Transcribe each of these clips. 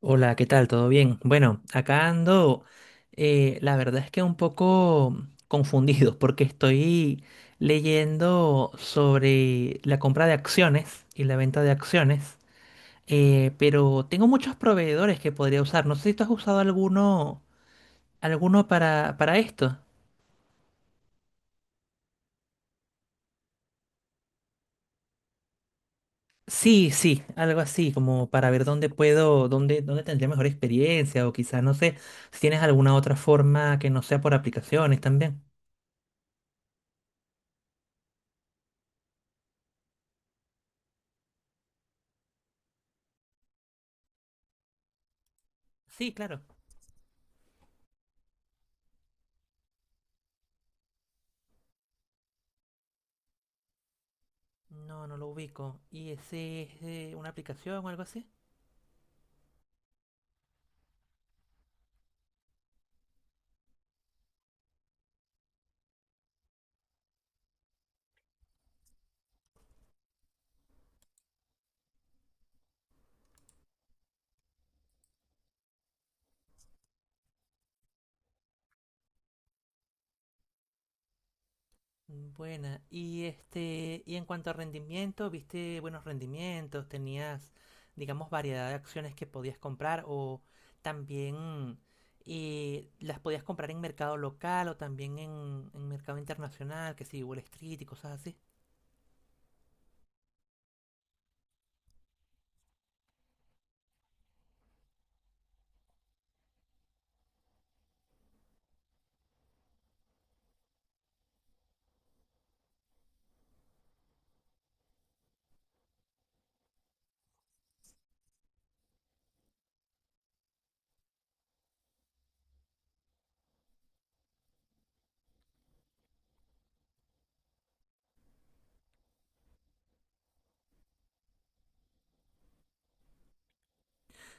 Hola, ¿qué tal? ¿Todo bien? Bueno, acá ando, la verdad es que un poco confundido porque estoy leyendo sobre la compra de acciones y la venta de acciones, pero tengo muchos proveedores que podría usar. No sé si tú has usado alguno, alguno para esto. Sí, sí, algo así, como para ver dónde puedo, dónde tendría mejor experiencia o quizás, no sé, si tienes alguna otra forma que no sea por aplicaciones también. Sí, claro. No, no lo ubico. ¿Y ese es una aplicación o algo así? Buena. Y este, y en cuanto a rendimiento, ¿viste buenos rendimientos? ¿Tenías, digamos, variedad de acciones que podías comprar o también las podías comprar en mercado local o también en mercado internacional, que sí, Wall Street y cosas así?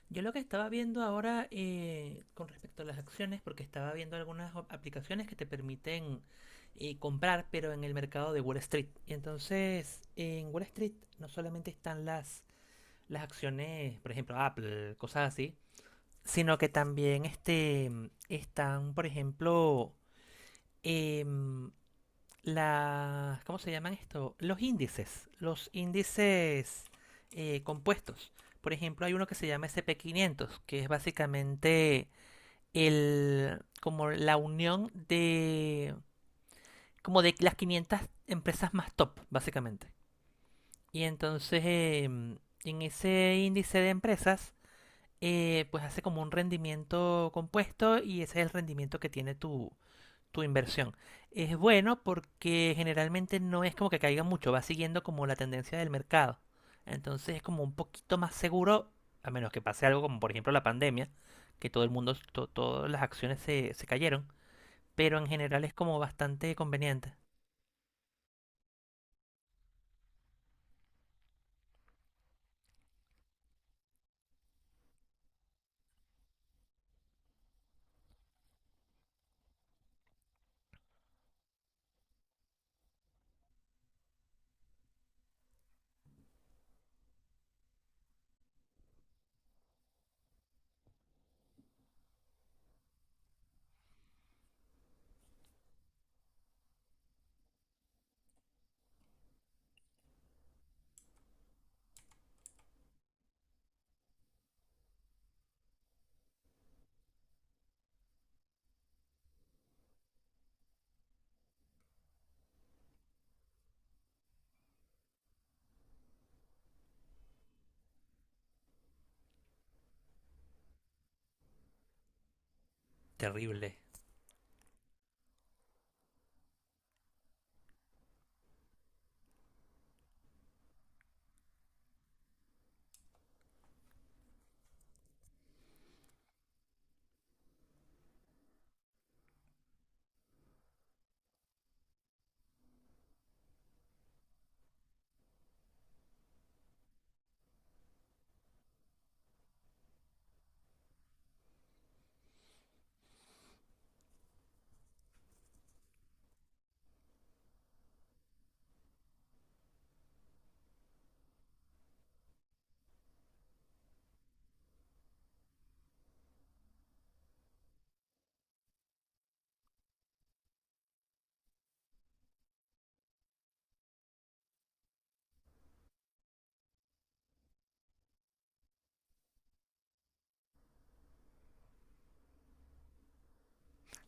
Yo lo que estaba viendo ahora con respecto a las acciones, porque estaba viendo algunas aplicaciones que te permiten comprar, pero en el mercado de Wall Street. Y entonces, en Wall Street no solamente están las acciones, por ejemplo, Apple, cosas así, sino que también este, están, por ejemplo, em, ¿cómo se llaman esto? Los índices compuestos. Por ejemplo, hay uno que se llama S&P 500, que es básicamente el, como la unión de, como de las 500 empresas más top, básicamente. Y entonces, en ese índice de empresas, pues hace como un rendimiento compuesto y ese es el rendimiento que tiene tu inversión. Es bueno porque generalmente no es como que caiga mucho, va siguiendo como la tendencia del mercado. Entonces es como un poquito más seguro, a menos que pase algo como por ejemplo la pandemia, que todo el mundo, todas las acciones se cayeron, pero en general es como bastante conveniente. Terrible.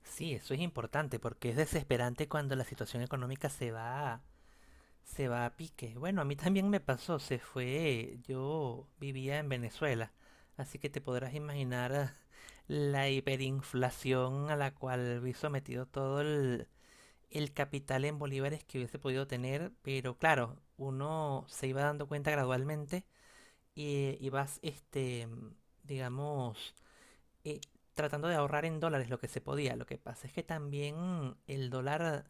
Sí, eso es importante porque es desesperante cuando la situación económica se va a pique. Bueno, a mí también me pasó, se fue. Yo vivía en Venezuela, así que te podrás imaginar la hiperinflación a la cual vi sometido todo el capital en bolívares que hubiese podido tener, pero claro, uno se iba dando cuenta gradualmente y vas, este, digamos, eh, tratando de ahorrar en dólares lo que se podía. Lo que pasa es que también el dólar,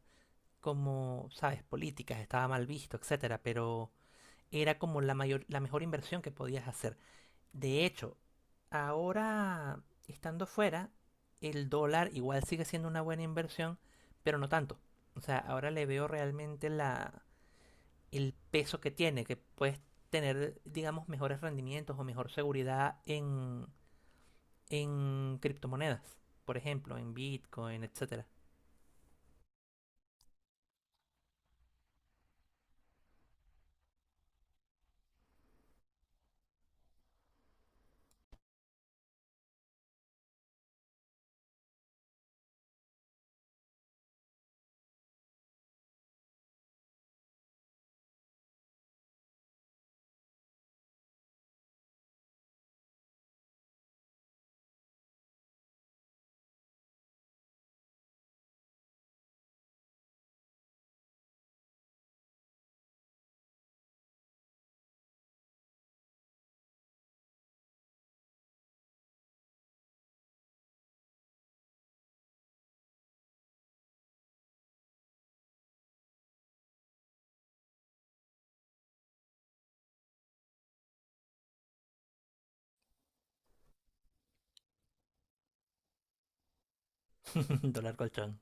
como sabes, políticas, estaba mal visto, etcétera, pero era como la mayor, la mejor inversión que podías hacer. De hecho, ahora estando fuera, el dólar igual sigue siendo una buena inversión, pero no tanto. O sea, ahora le veo realmente la, el peso que tiene, que puedes tener, digamos, mejores rendimientos o mejor seguridad en criptomonedas. Por ejemplo, en Bitcoin, etcétera. Dólar colchón.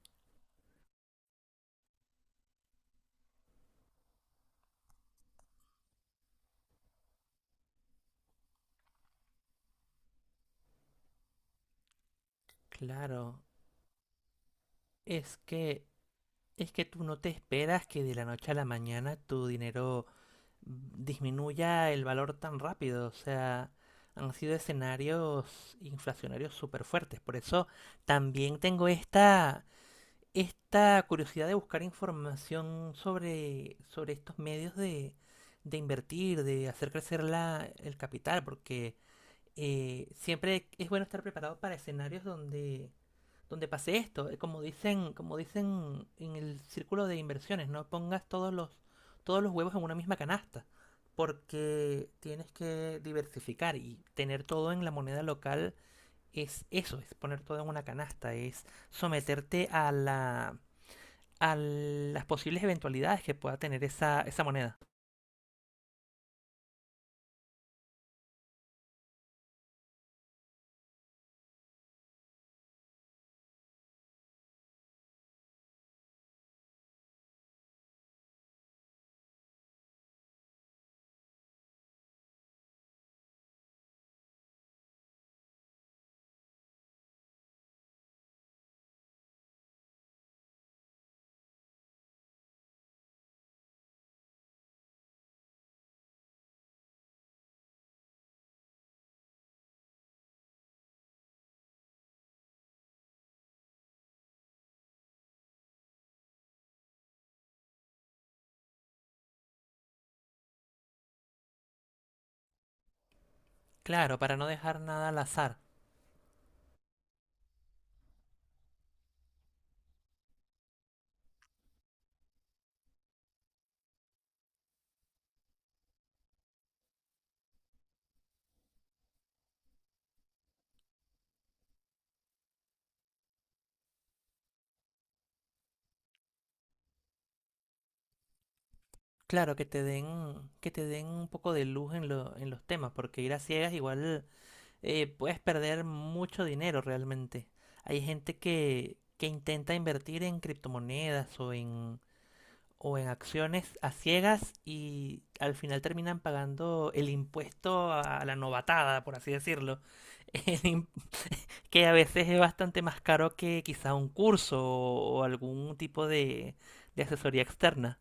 Claro, es que Es que tú no te esperas que de la noche a la mañana tu dinero disminuya el valor tan rápido. O sea, han sido escenarios inflacionarios súper fuertes. Por eso también tengo esta curiosidad de buscar información sobre estos medios de invertir, de hacer crecer la, el capital, porque siempre es bueno estar preparado para escenarios donde pase esto. Como dicen en el círculo de inversiones, no pongas todos los huevos en una misma canasta, porque tienes que diversificar y tener todo en la moneda local es eso, es poner todo en una canasta, es someterte a la a las posibles eventualidades que pueda tener esa moneda. Claro, para no dejar nada al azar. Claro, que te den un poco de luz en en los temas, porque ir a ciegas igual puedes perder mucho dinero realmente. Hay gente que intenta invertir en criptomonedas o en acciones a ciegas y al final terminan pagando el impuesto a la novatada, por así decirlo, el im- que a veces es bastante más caro que quizá un curso o algún tipo de asesoría externa.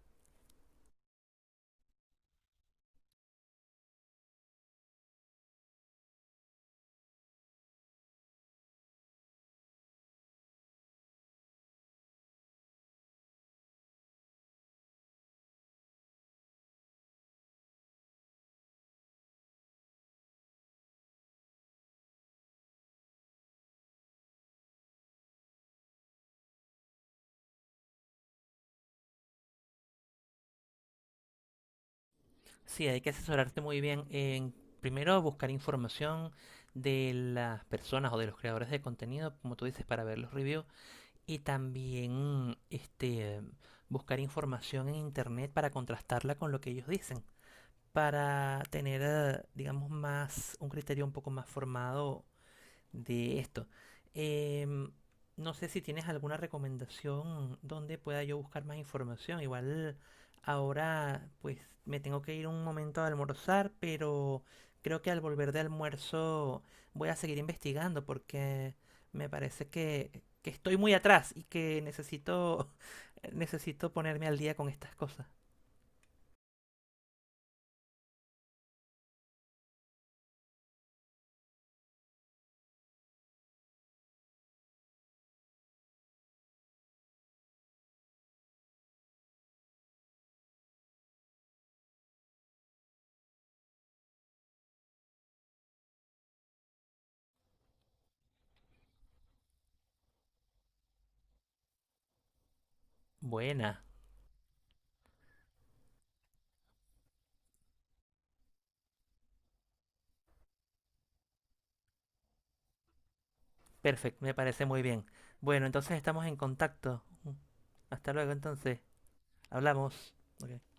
Sí, hay que asesorarte muy bien en primero buscar información de las personas o de los creadores de contenido, como tú dices, para ver los reviews y también este buscar información en internet para contrastarla con lo que ellos dicen, para tener, digamos, más un criterio un poco más formado de esto. Eh, no sé si tienes alguna recomendación donde pueda yo buscar más información. Igual ahora pues me tengo que ir un momento a almorzar, pero creo que al volver de almuerzo voy a seguir investigando porque me parece que estoy muy atrás y que necesito, necesito ponerme al día con estas cosas. Buena, perfecto, me parece muy bien. Bueno, entonces estamos en contacto. Hasta luego entonces, hablamos. Ok.